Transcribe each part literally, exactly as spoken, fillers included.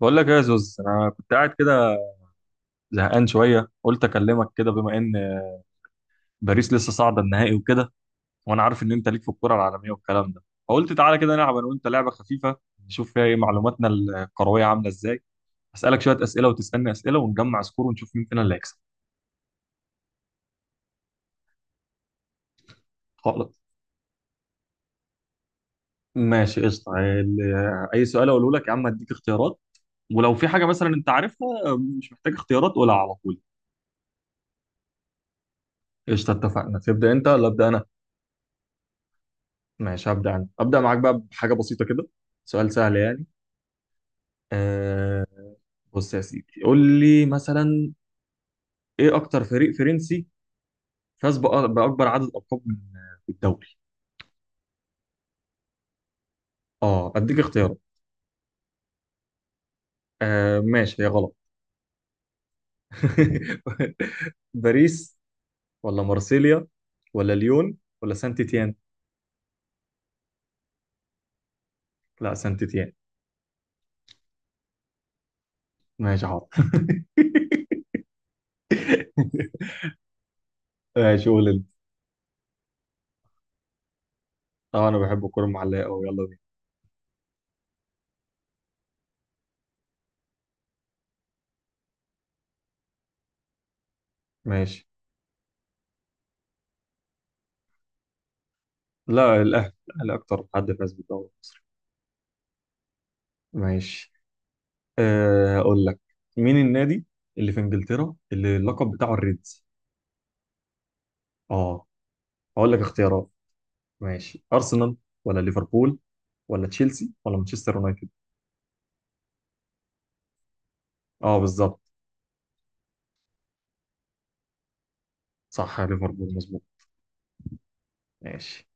بقول لك ايه يا زوز، انا كنت قاعد كده زهقان شويه، قلت اكلمك كده بما ان باريس لسه صاعده النهائي وكده، وانا عارف ان انت ليك في الكوره العالميه والكلام ده. فقلت تعالى كده نلعب انا وانت لعبه خفيفه، نشوف فيها ايه معلوماتنا الكرويه عامله ازاي. اسالك شويه اسئله وتسالني اسئله ونجمع سكور ونشوف مين فينا اللي هيكسب. خلاص. ماشي قشطه. ال- اي سؤال اقوله لك يا عم هديك اختيارات، ولو في حاجه مثلا انت عارفها مش محتاج اختيارات قولها على طول. قشطه اتفقنا. تبدا انت ولا ابدا انا؟ ماشي هبدا انا. ابدا معاك بقى بحاجه بسيطه كده، سؤال سهل يعني. آه. بص يا سيدي، قول لي مثلا ايه اكتر فريق فرنسي فاز بأ- باكبر عدد القاب من في الدوري. اه اديك اختيارات. آه ماشي، هي غلط. باريس، ولا مارسيليا، ولا ليون، ولا سانت تيان؟ لا، سانت تيان. ماشي حاضر. ماشي قول انت. اه انا بحب الكوره المعلقه قوي، يلا بينا. ماشي. لا الاهلي الاهلي اكتر حد فاز بالدوري. ماشي. أه هقول لك، مين النادي اللي في انجلترا اللي اللقب بتاعه الريدز؟ اه هقول لك اختيارات. ماشي، ارسنال، ولا ليفربول، ولا تشيلسي، ولا مانشستر يونايتد؟ اه بالظبط. صح يا ليفربول، مظبوط. ماشي.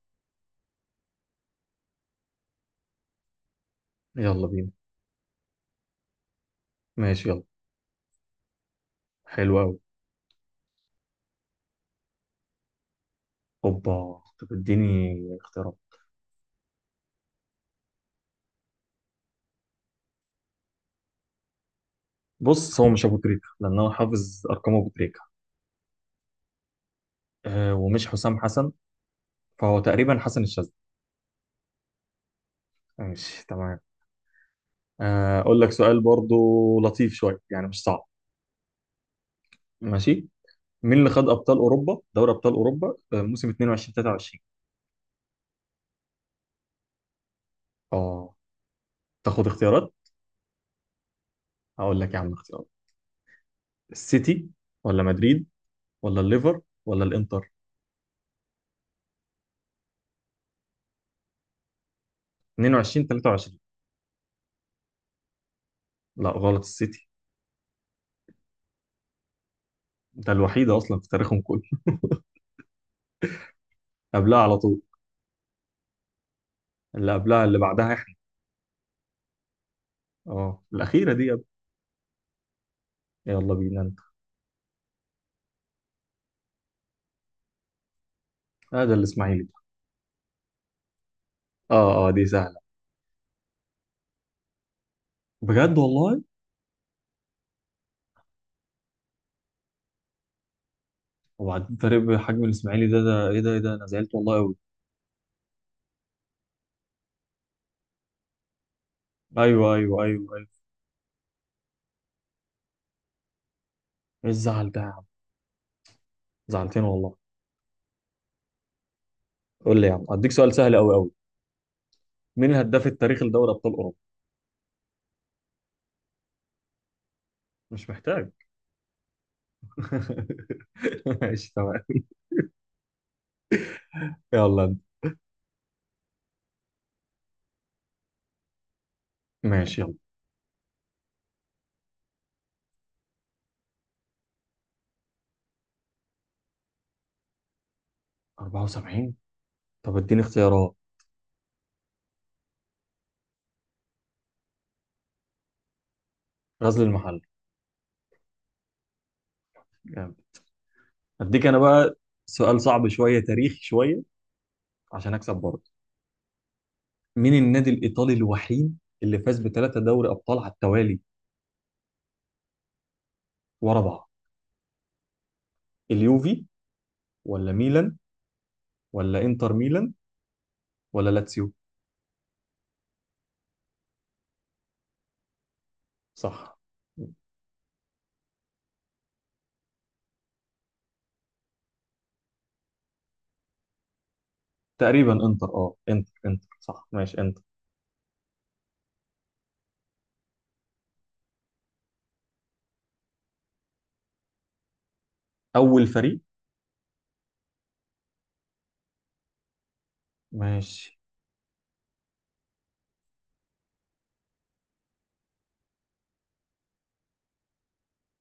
يلا بينا. ماشي يلا. حلو قوي. اوبا، طب اديني اختيارات. بص، هو مش ابو تريكة لان انا حافظ ارقام ابو تريكة. أه، ومش حسام حسن، فهو تقريبا حسن الشاذلي. ماشي تمام. آه، اقول لك سؤال برضو لطيف شويه يعني، مش صعب. ماشي. مين اللي خد ابطال اوروبا، دوري ابطال اوروبا آه، موسم اتنين وعشرين تلاتة وعشرين؟ اه تاخد اختيارات. هقول لك يا عم اختيارات. السيتي، ولا مدريد، ولا الليفر، ولا الانتر؟ اتنين وعشرين تلاتة وعشرين. لا غلط، السيتي. ده الوحيده اصلا في تاريخهم كله. قبلها على طول. اللي قبلها اللي بعدها احنا. اه الاخيره دي يا ابني. يلا بينا انت. هذا ده الاسماعيلي ده. اه اه، دي سهله. بجد والله؟ وبعدين فريق بحجم الاسماعيلي ده ده ايه ده ايه ده انا زعلت والله قوي. ايوه ايوه ايوه ايوه. ايه الزعل ده يا عم، زعلتني والله. قول لي يا عم، اديك سؤال سهل قوي قوي. مين الهداف التاريخي لدوري ابطال اوروبا؟ مش محتاج. ماشي تمام. يلا انت. ماشي يلا. أربعة وسبعين؟ طب اديني اختيارات. غزل المحل. جامد. اديك انا بقى سؤال صعب شويه، تاريخي شويه، عشان اكسب برضه. مين النادي الايطالي الوحيد اللي فاز بثلاثه دوري ابطال على التوالي، ورا بعض؟ اليوفي، ولا ميلان، ولا انتر ميلان، ولا لاتسيو؟ صح. تقريبا انتر. اه انتر انتر صح، ماشي انتر. اول فريق. ماشي.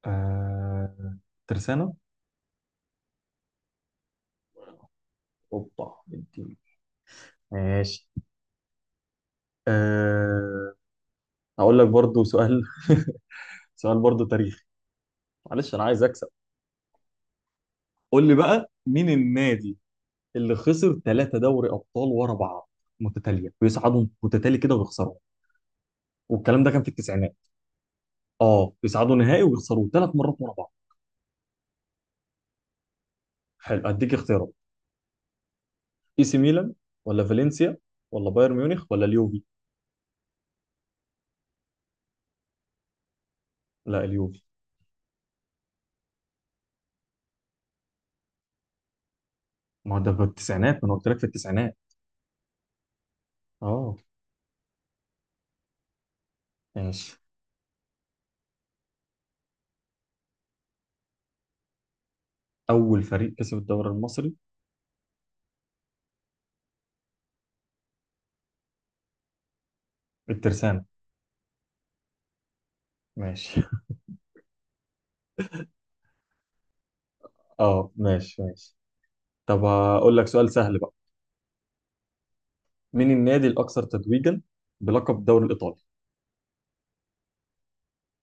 آه... ترسانة. اوبا. اديني. ماشي. آه... هقول لك برضو سؤال. سؤال برضو تاريخي. معلش انا عايز اكسب. قول لي بقى، مين النادي اللي خسر ثلاثة دوري ابطال ورا بعض متتالية؟ بيصعدوا متتالي كده ويخسروا، والكلام ده كان في التسعينات. اه بيصعدوا نهائي ويخسروا ثلاث مرات ورا بعض. حلو اديك اختيارات. اي سي ميلان، ولا فالنسيا، ولا بايرن ميونخ، ولا اليوفي؟ لا، اليوفي. ما هو ده في التسعينات، ما انا قلت لك في التسعينات. اه ماشي. اول فريق كسب الدوري المصري؟ الترسانة. ماشي. اه ماشي ماشي. طب هقول لك سؤال سهل بقى. مين النادي الاكثر تتويجا بلقب الدوري الايطالي؟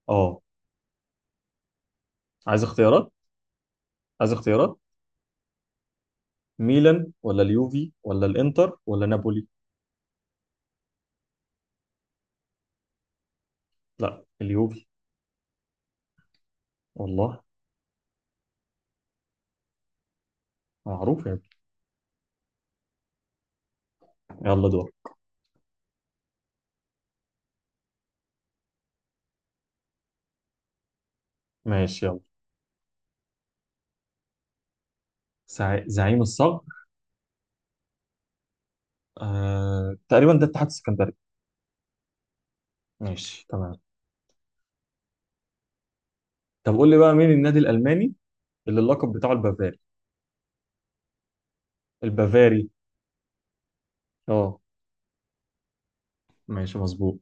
اه عايز اختيارات. عايز اختيارات. ميلان، ولا اليوفي، ولا الانتر، ولا نابولي؟ لا، اليوفي. والله معروف يا ابني. يلا دور. ماشي يلا. زع- زعيم الصقر. آه... تقريبا ده اتحاد السكندري. ماشي تمام. طب قول لي بقى، مين النادي الالماني اللي اللقب بتاعه البافاري؟ البافاري. اه. ماشي مظبوط.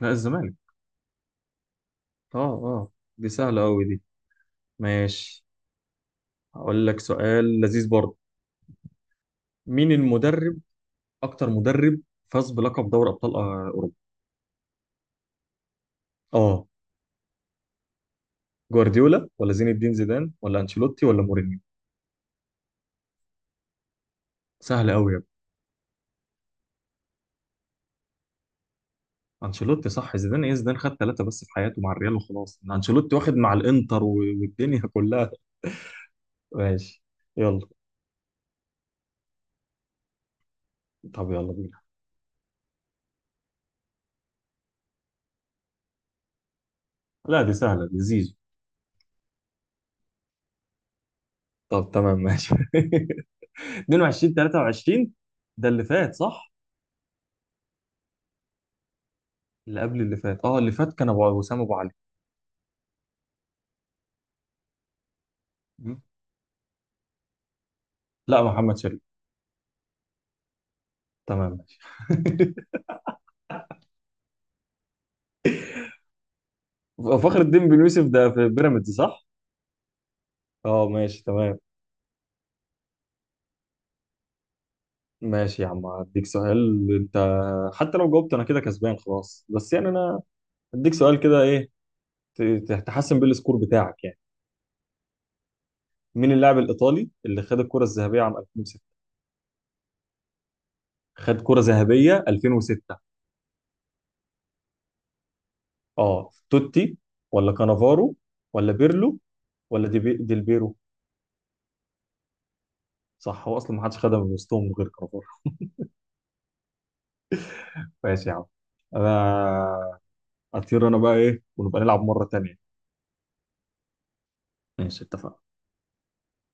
لا الزمالك. اه اه دي سهلة أوي دي. ماشي. هقول لك سؤال لذيذ برضه. مين المدرب، أكتر مدرب فاز بلقب دوري أبطال آه، أوروبا؟ اه. جوارديولا، ولا زين الدين زيدان، ولا أنشيلوتي، ولا مورينيو؟ سهلة أوي يا ابني. أنشيلوتي صح. زيدان إيه، زيدان خد ثلاثة بس في حياته مع الريال وخلاص، إن أنشيلوتي واخد مع الإنتر و- والدنيا كلها. ماشي. يلا. طب يلا بينا. لا دي سهلة دي، زيزو. طب تمام ماشي. اتنين وعشرين تلاتة وعشرين. ده اللي فات صح؟ اللي قبل اللي فات، اه اللي فات كان ابو وسام، ابو علي. مم. لا محمد شلبي. تمام ماشي. فخر الدين بن يوسف ده في بيراميدز صح؟ اه ماشي تمام. ماشي يا عم، هديك سؤال انت، حتى لو جاوبت انا كده كسبان خلاص، بس يعني انا هديك سؤال كده ايه، ت- ت- تحسن بيه السكور بتاعك يعني. مين اللاعب الايطالي اللي خد الكرة الذهبية عام ألفين وستة؟ خد كرة ذهبية ألفين وستة. اه توتي، ولا كانافارو، ولا بيرلو، ولا دي ديلبيرو؟ صح، هو اصلا ما حدش خدها من وسطهم غير كانافارو. ماشي يا عم. انا اطير انا بقى ايه، ونبقى نلعب مرة تانية. ماشي اتفقنا.